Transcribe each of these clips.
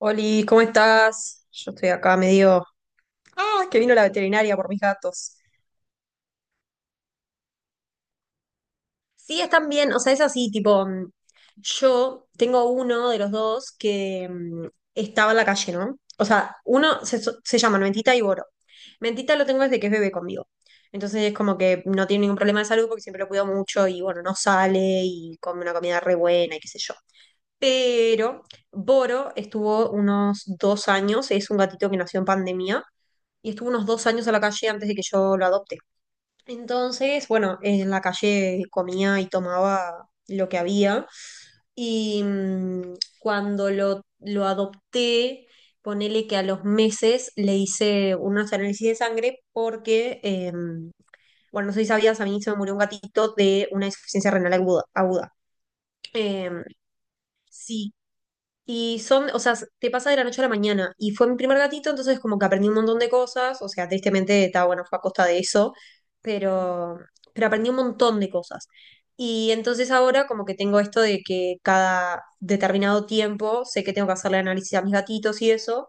Oli, ¿cómo estás? Yo estoy acá medio. Ah, que vino la veterinaria por mis gatos. Sí, están bien, o sea, es así, tipo, yo tengo uno de los dos que estaba en la calle, ¿no? O sea, uno se llaman Mentita y Boro. Mentita lo tengo desde que es bebé conmigo. Entonces es como que no tiene ningún problema de salud porque siempre lo cuido mucho y bueno, no sale y come una comida re buena y qué sé yo. Pero Boro estuvo unos 2 años, es un gatito que nació en pandemia y estuvo unos 2 años a la calle antes de que yo lo adopte. Entonces, bueno, en la calle comía y tomaba lo que había y cuando lo adopté, ponele que a los meses le hice unos análisis de sangre porque, bueno, no sé si sabías, a mí se me murió un gatito de una insuficiencia renal aguda. Em, sí, y son, o sea, te pasa de la noche a la mañana. Y fue mi primer gatito, entonces como que aprendí un montón de cosas. O sea, tristemente, está bueno, fue a costa de eso. Pero, pero aprendí un montón de cosas. Y entonces ahora como que tengo esto de que cada determinado tiempo sé que tengo que hacerle análisis a mis gatitos y eso.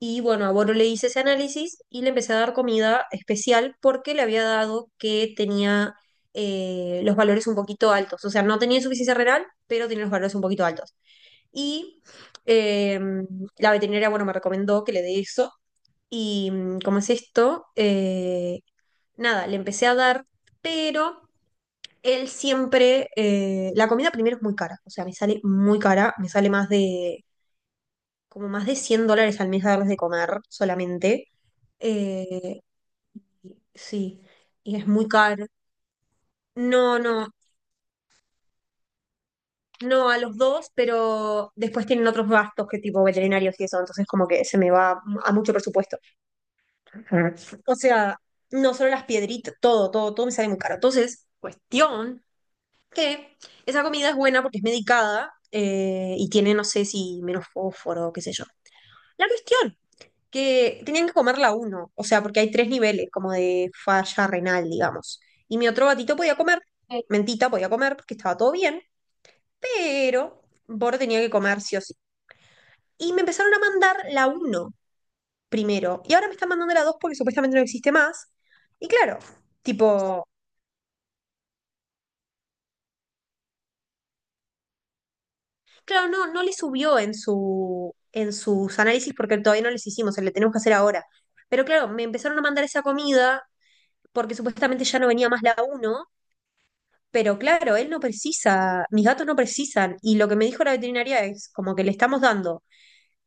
Y bueno, a Boro le hice ese análisis y le empecé a dar comida especial porque le había dado que tenía los valores un poquito altos. O sea, no tenía insuficiencia renal, pero tenía los valores un poquito altos. Y eh, la veterinaria, bueno, me recomendó que le dé eso. Y como es esto, nada, le empecé a dar, pero él siempre, la comida primero es muy cara, o sea, me sale muy cara, me sale más de, como más de 100 dólares al mes a darles de comer solamente. Eh, sí, y es muy caro. No, no, no a los dos, pero después tienen otros gastos que tipo veterinarios y eso, entonces como que se me va a mucho presupuesto. O sea, no solo las piedritas, todo, todo, todo me sale muy caro. Entonces, cuestión que esa comida es buena porque es medicada, y tiene, no sé si menos fósforo, qué sé yo. La cuestión, que tenían que comerla uno, o sea, porque hay tres niveles como de falla renal, digamos. Y mi otro gatito podía comer, ok. Mentita podía comer porque estaba todo bien, pero Boro tenía que comer sí o sí. Y me empezaron a mandar la uno primero. Y ahora me están mandando la 2 porque supuestamente no existe más. Y claro, tipo, claro, no, no le subió en su, en sus análisis porque todavía no les hicimos, se le tenemos que hacer ahora. Pero claro, me empezaron a mandar esa comida porque supuestamente ya no venía más la uno, pero claro, él no precisa, mis gatos no precisan. Y lo que me dijo la veterinaria es como que le estamos dando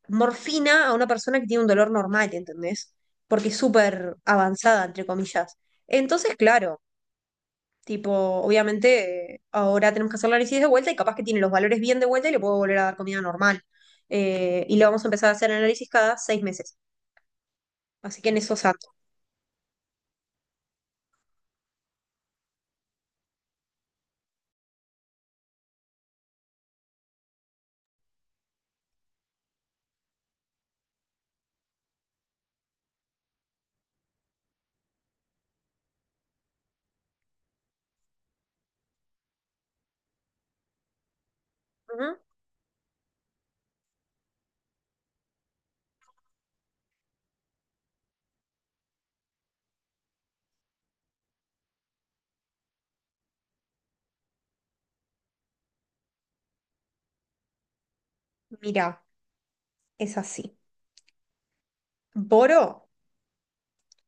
morfina a una persona que tiene un dolor normal, ¿entendés? Porque es súper avanzada, entre comillas. Entonces, claro, tipo, obviamente, ahora tenemos que hacer el análisis de vuelta y capaz que tiene los valores bien de vuelta y le puedo volver a dar comida normal. Y le vamos a empezar a hacer análisis cada 6 meses. Así que en eso saco. Ujú. Mirá, es así. Boro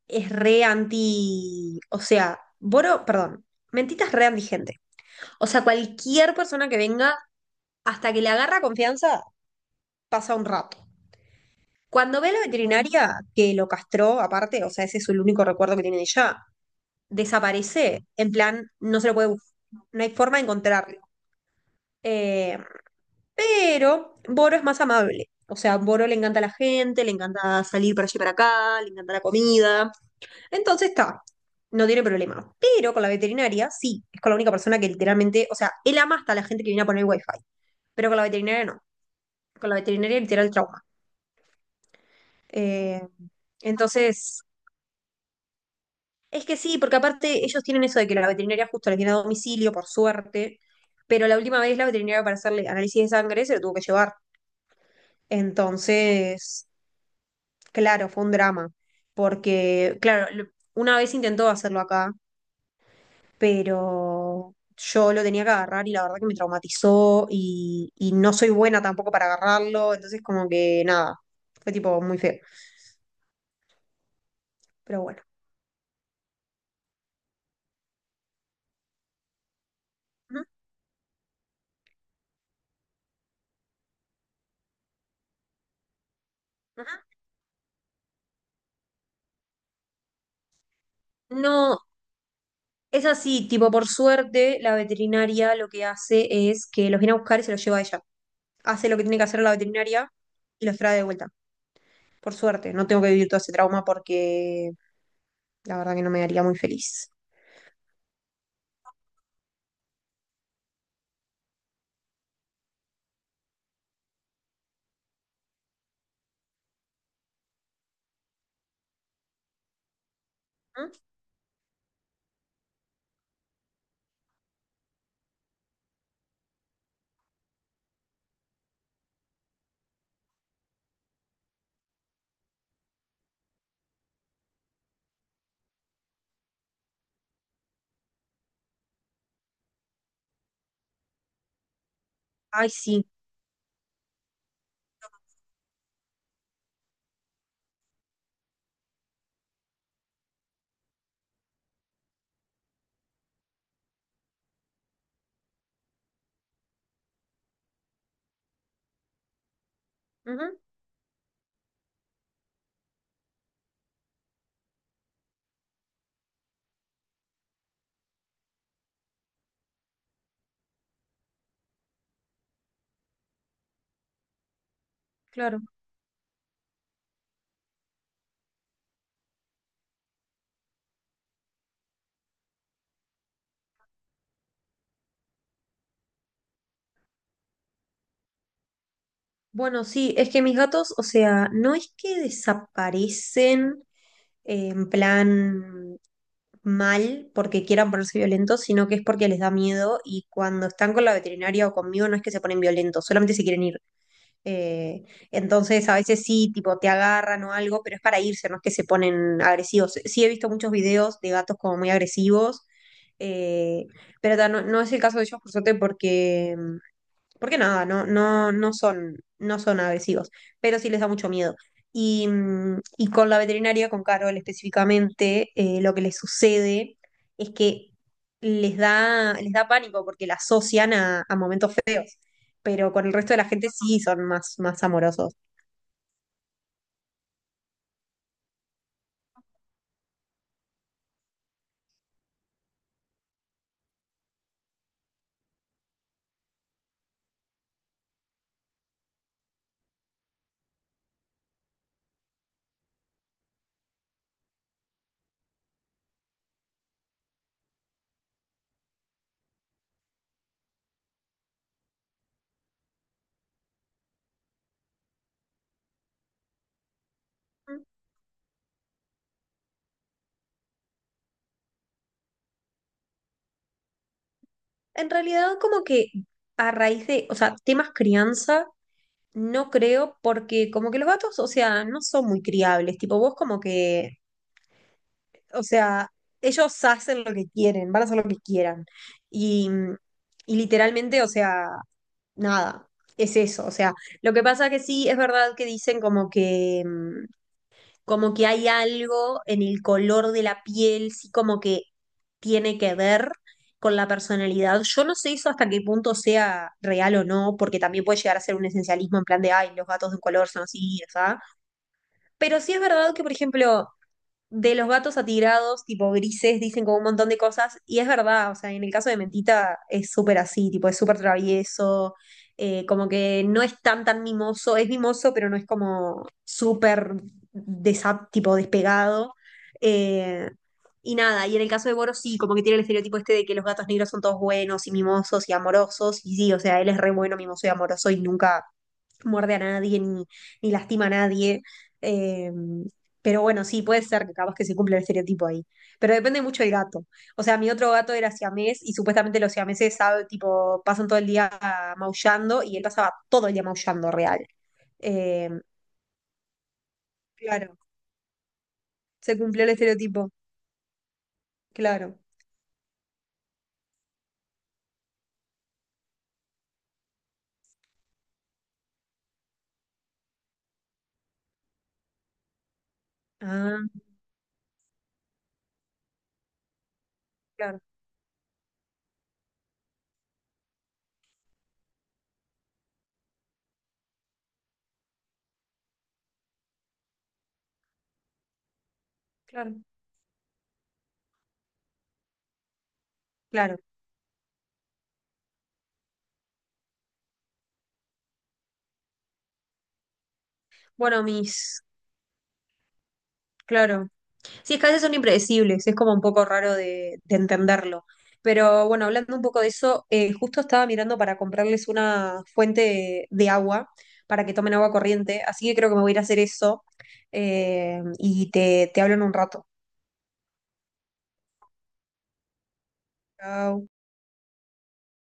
es re anti. O sea, Boro, perdón. Mentita es re antigente. O sea, cualquier persona que venga, hasta que le agarra confianza, pasa un rato. Cuando ve a la veterinaria que lo castró, aparte, o sea, ese es el único recuerdo que tiene de ella, desaparece, en plan, no se lo puede buscar, no hay forma de encontrarlo. Eh, pero Boro es más amable. O sea, a Boro le encanta la gente, le encanta salir para allí y para acá, le encanta la comida. Entonces está, no tiene problema. Pero con la veterinaria, sí, es con la única persona que literalmente, o sea, él ama hasta la gente que viene a poner wifi, pero con la veterinaria no. Con la veterinaria literal trauma. Eh, entonces, es que sí, porque aparte ellos tienen eso de que la veterinaria justo la tiene a domicilio, por suerte, pero la última vez la veterinaria para hacerle análisis de sangre se lo tuvo que llevar. Entonces, claro, fue un drama, porque, claro, una vez intentó hacerlo acá, pero yo lo tenía que agarrar y la verdad que me traumatizó y no soy buena tampoco para agarrarlo, entonces como que nada, fue tipo muy feo, pero bueno. Ujú, ujú. No, es así, tipo, por suerte, la veterinaria lo que hace es que los viene a buscar y se los lleva a ella. Hace lo que tiene que hacer la veterinaria y los trae de vuelta. Por suerte, no tengo que vivir todo ese trauma porque la verdad que no me haría muy feliz. ¿Mm? Ay, sí. Ujú, claro. Bueno, sí, es que mis gatos, o sea, no es que desaparecen en plan mal porque quieran ponerse violentos, sino que es porque les da miedo y cuando están con la veterinaria o conmigo no es que se ponen violentos, solamente se quieren ir. Eh, entonces a veces sí, tipo, te agarran o algo, pero es para irse, no es que se ponen agresivos. Sí he visto muchos videos de gatos como muy agresivos, eh, pero ta, no, no es el caso de ellos, por suerte, porque nada, no, no, no son agresivos, pero sí les da mucho miedo. Y con la veterinaria, con Carol específicamente, lo que les sucede es que les da pánico porque la asocian a momentos feos, pero con el resto de la gente sí son más, más amorosos. En realidad, como que a raíz de, o sea, temas crianza, no creo, porque como que los gatos, o sea, no son muy criables. Tipo, vos como que, o sea, ellos hacen lo que quieren, van a hacer lo que quieran. Y, y literalmente, o sea, nada, es eso. O sea, lo que pasa que sí, es verdad que dicen como que, como que hay algo en el color de la piel, sí, como que tiene que ver con la personalidad. Yo no sé eso hasta qué punto sea real o no, porque también puede llegar a ser un esencialismo en plan de, ay, los gatos de un color son así, ¿sabes? Pero sí es verdad que, por ejemplo, de los gatos atirados, tipo grises, dicen como un montón de cosas, y es verdad, o sea, en el caso de Mentita es súper así, tipo, es súper travieso, como que no es tan tan mimoso, es mimoso, pero no es como súper tipo despegado. eh, y nada, y en el caso de Boros sí, como que tiene el estereotipo este de que los gatos negros son todos buenos y mimosos y amorosos, y sí, o sea, él es re bueno, mimoso y amoroso y nunca muerde a nadie ni, ni lastima a nadie. Eh, pero bueno, sí, puede ser que capaz que se cumpla el estereotipo ahí. Pero depende mucho del gato. O sea, mi otro gato era siamés y supuestamente los siameses sabe, tipo, pasan todo el día maullando y él pasaba todo el día maullando real. Eh, claro, se cumplió el estereotipo, claro. Ah, claro, claro, claro. Bueno, mis Claro. Sí, es que a veces son impredecibles, es como un poco raro de entenderlo. Pero bueno, hablando un poco de eso, justo estaba mirando para comprarles una fuente de, agua para que tomen agua corriente, así que creo que me voy a ir a hacer eso, y te hablo en un rato. Chau.